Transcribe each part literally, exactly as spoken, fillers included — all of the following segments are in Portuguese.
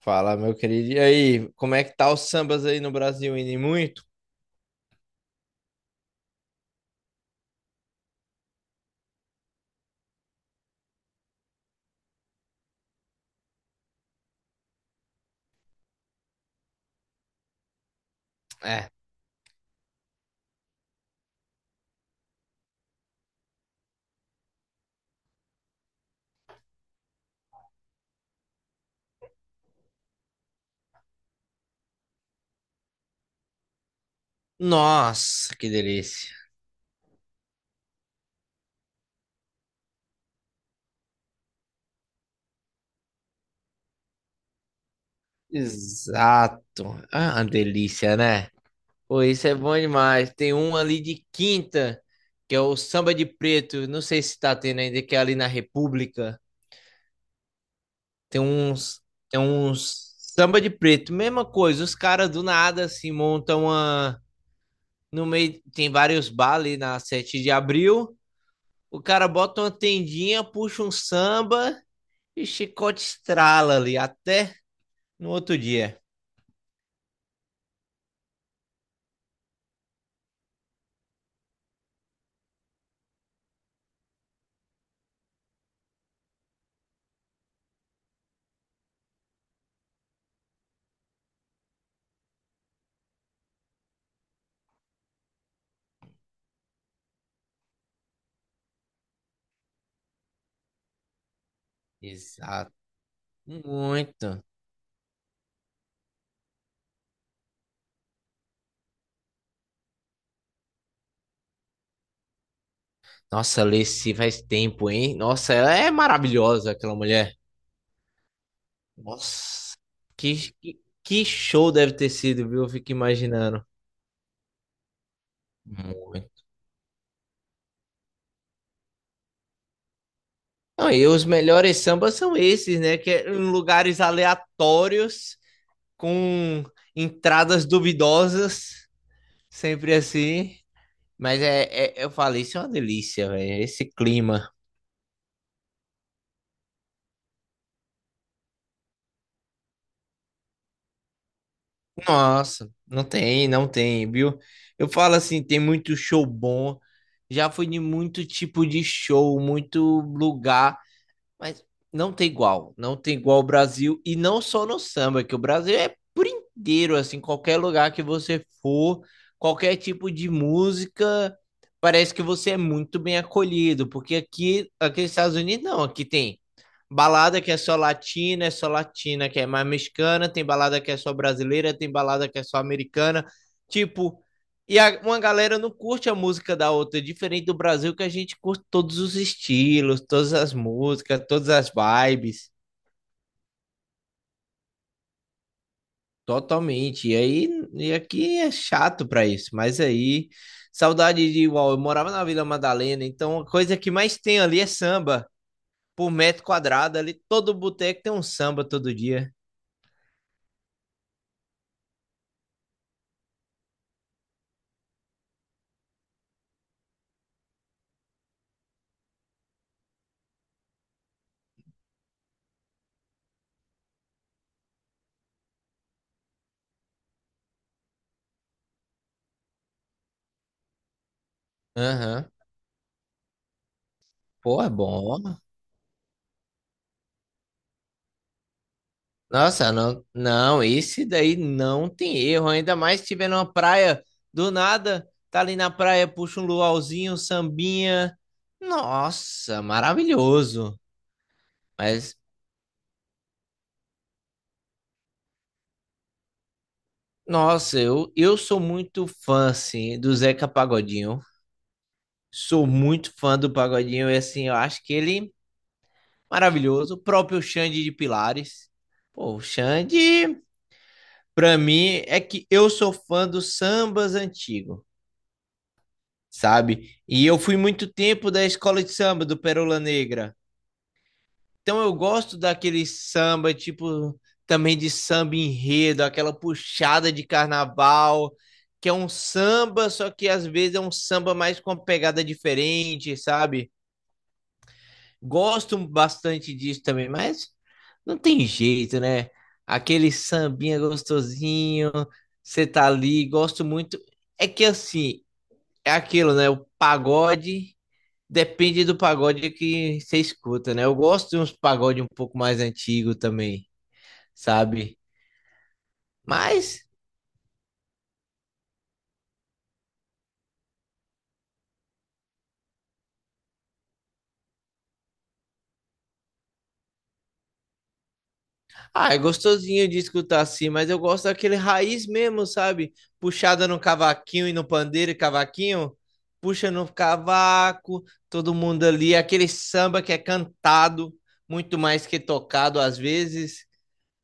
Fala, meu querido. E aí, como é que tá os sambas aí no Brasil? Indo em muito? É. Nossa, que delícia. Exato. Ah, uma delícia, né? Pô, isso é bom demais. Tem um ali de quinta, que é o Samba de Preto. Não sei se tá tendo ainda, que é ali na República. Tem uns, tem uns samba de preto. Mesma coisa, os caras do nada se montam uma. No meio, tem vários bares na Sete de abril. O cara bota uma tendinha, puxa um samba e chicote estrala ali até no outro dia. Exato. Muito. Nossa, Lacey faz tempo, hein? Nossa, ela é maravilhosa, aquela mulher. Nossa, que, que, que show deve ter sido, viu? Eu fico imaginando. Muito. Não, e os melhores sambas são esses, né? Que é em lugares aleatórios, com entradas duvidosas, sempre assim. Mas é, é- eu falei, isso é uma delícia, velho. Esse clima. Nossa, não tem, não tem, viu? Eu falo assim, tem muito show bom. Já fui de muito tipo de show, muito lugar. Mas não tem igual. Não tem igual o Brasil. E não só no samba, que o Brasil é por inteiro, assim, qualquer lugar que você for, qualquer tipo de música, parece que você é muito bem acolhido. Porque aqui, aqui nos Estados Unidos, não. Aqui tem balada que é só latina, é só latina que é mais mexicana, tem balada que é só brasileira, tem balada que é só americana. Tipo, e a- uma galera não curte a música da outra, é diferente do Brasil, que a gente curte todos os estilos, todas as músicas, todas as vibes, totalmente. E aí, e aqui é chato pra isso, mas aí, saudade de igual. Eu morava na Vila Madalena, então a coisa que mais tem ali é samba. Por metro quadrado, ali todo boteco tem um samba todo dia. Aham. Pô, é bom. Nossa, não, não, esse daí não tem erro, ainda mais se tiver numa praia do nada, tá ali na praia, puxa um luauzinho, um sambinha. Nossa, maravilhoso. Mas, nossa, eu, eu sou muito fã, assim, do Zeca Pagodinho. Sou muito fã do Pagodinho e, assim, eu acho que ele é maravilhoso. O próprio Xande de Pilares. Pô, o Xande, pra mim, é que eu sou fã dos sambas antigos, sabe? E eu fui muito tempo da escola de samba do Pérola Negra. Então eu gosto daquele samba, tipo, também de samba enredo, aquela puxada de carnaval, que é um samba, só que às vezes é um samba mais com uma pegada diferente, sabe? Gosto bastante disso também, mas não tem jeito, né? Aquele sambinha gostosinho, você tá ali, gosto muito. É que assim, é aquilo, né? O pagode depende do pagode que você escuta, né? Eu gosto de uns pagode um pouco mais antigo também, sabe? Mas, ah, é gostosinho de escutar assim, mas eu gosto daquele raiz mesmo, sabe? Puxada no cavaquinho e no pandeiro e cavaquinho, puxa no cavaco, todo mundo ali, aquele samba que é cantado, muito mais que tocado às vezes.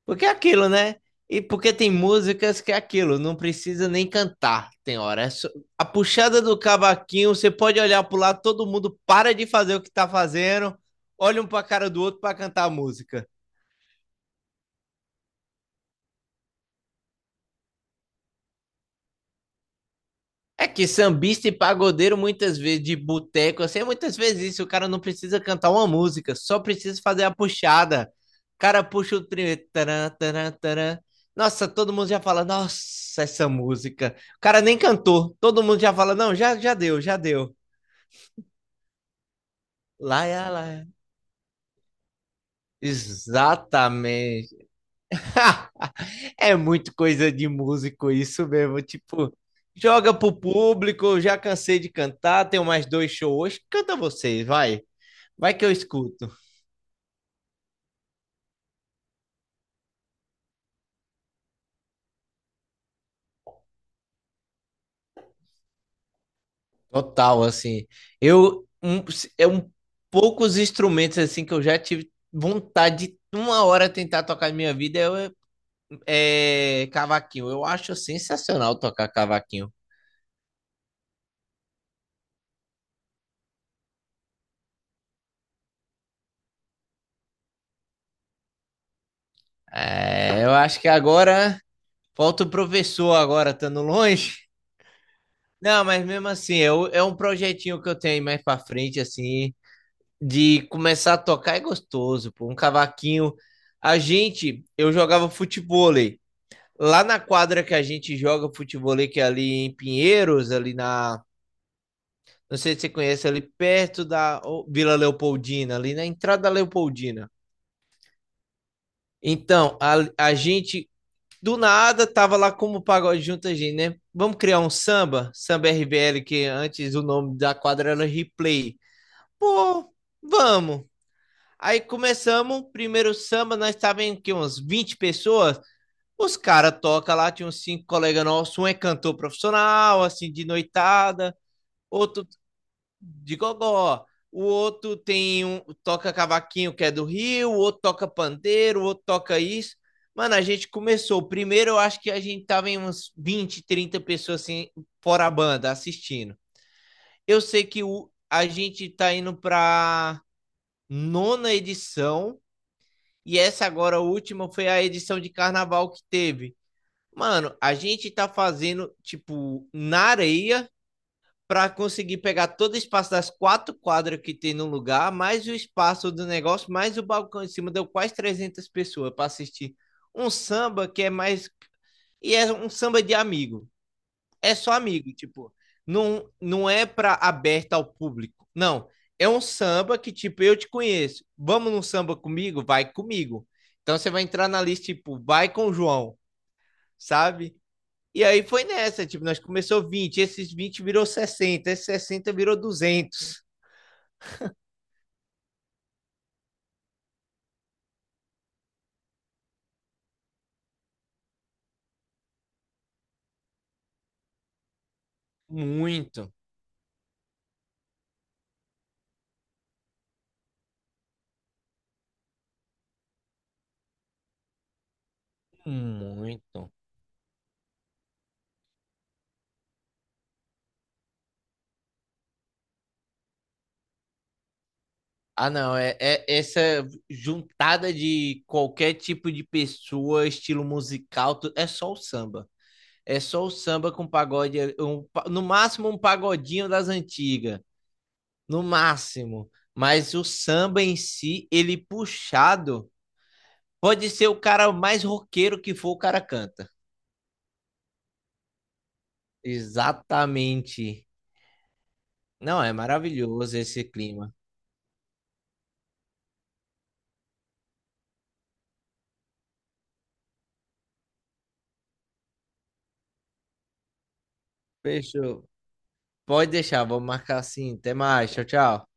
Porque é aquilo, né? E porque tem músicas que é aquilo, não precisa nem cantar, tem hora. É só- A puxada do cavaquinho, você pode olhar pro lado, todo mundo para de fazer o que tá fazendo, olha um pra cara do outro pra cantar a música. É que sambista e pagodeiro, muitas vezes, de boteco, assim, é muitas vezes isso. O cara não precisa cantar uma música, só precisa fazer a puxada. O cara puxa o primeiro. Taran, taran, taran. Nossa, todo mundo já fala, nossa, essa música. O cara nem cantou. Todo mundo já fala, não, já, já deu, já deu. Lá, é, lá, é. Exatamente. É muito coisa de músico isso mesmo. Tipo, joga pro público, já cansei de cantar, tenho mais dois shows hoje. Canta vocês, vai. Vai que eu escuto. Total, assim. Eu, um, é um poucos instrumentos, assim, que eu já tive vontade de uma hora tentar tocar na minha vida é, é cavaquinho. Eu acho sensacional tocar cavaquinho. É, eu acho que agora falta o professor agora estando longe. Não, mas mesmo assim, eu, é um projetinho que eu tenho aí mais pra frente, assim, de começar a tocar é gostoso, pô, um cavaquinho. A gente, eu jogava futebol aí. Lá na quadra que a gente joga futebol, que é ali em Pinheiros, ali na. Não sei se você conhece, ali perto da Vila Leopoldina, ali na entrada da Leopoldina. Então, a, a gente do nada tava lá como o pagode junto a gente, né? Vamos criar um samba, samba R B L, que antes o nome da quadra era Replay. Pô, vamos. Aí começamos, primeiro samba, nós estávamos em que, uns vinte pessoas. Os caras tocam lá, tinha uns cinco colegas nossos, um é cantor profissional, assim, de noitada, outro de gogó, o outro tem um, toca cavaquinho que é do Rio, o outro toca pandeiro, o outro toca isso. Mano, a gente começou. Primeiro, eu acho que a gente tava em uns vinte trinta pessoas assim, fora a banda, assistindo. Eu sei que o, a gente tá indo pra nona edição, e essa agora, a última, foi a edição de carnaval que teve. Mano, a gente tá fazendo, tipo, na areia para conseguir pegar todo o espaço das quatro quadras que tem no lugar, mais o espaço do negócio, mais o balcão em cima, deu quase trezentas pessoas para assistir um samba que é mais. E é um samba de amigo. É só amigo, tipo. Não, não é para aberta ao público. Não. É um samba que, tipo, eu te conheço. Vamos num samba comigo? Vai comigo. Então você vai entrar na lista, tipo, vai com o João, sabe? E aí foi nessa, tipo, nós começou vinte, esses vinte virou sessenta, esses sessenta virou duzentos. Muito, muito. Ah, não, é, é essa juntada de qualquer tipo de pessoa, estilo musical, tu- é só o samba. É só o samba com pagode, um pa- no máximo um pagodinho das antigas, no máximo. Mas o samba em si, ele puxado, pode ser o cara mais roqueiro que for, o cara canta. Exatamente. Não, é maravilhoso esse clima. Fechou. Pode deixar, vou marcar assim. Até mais. Tchau, tchau.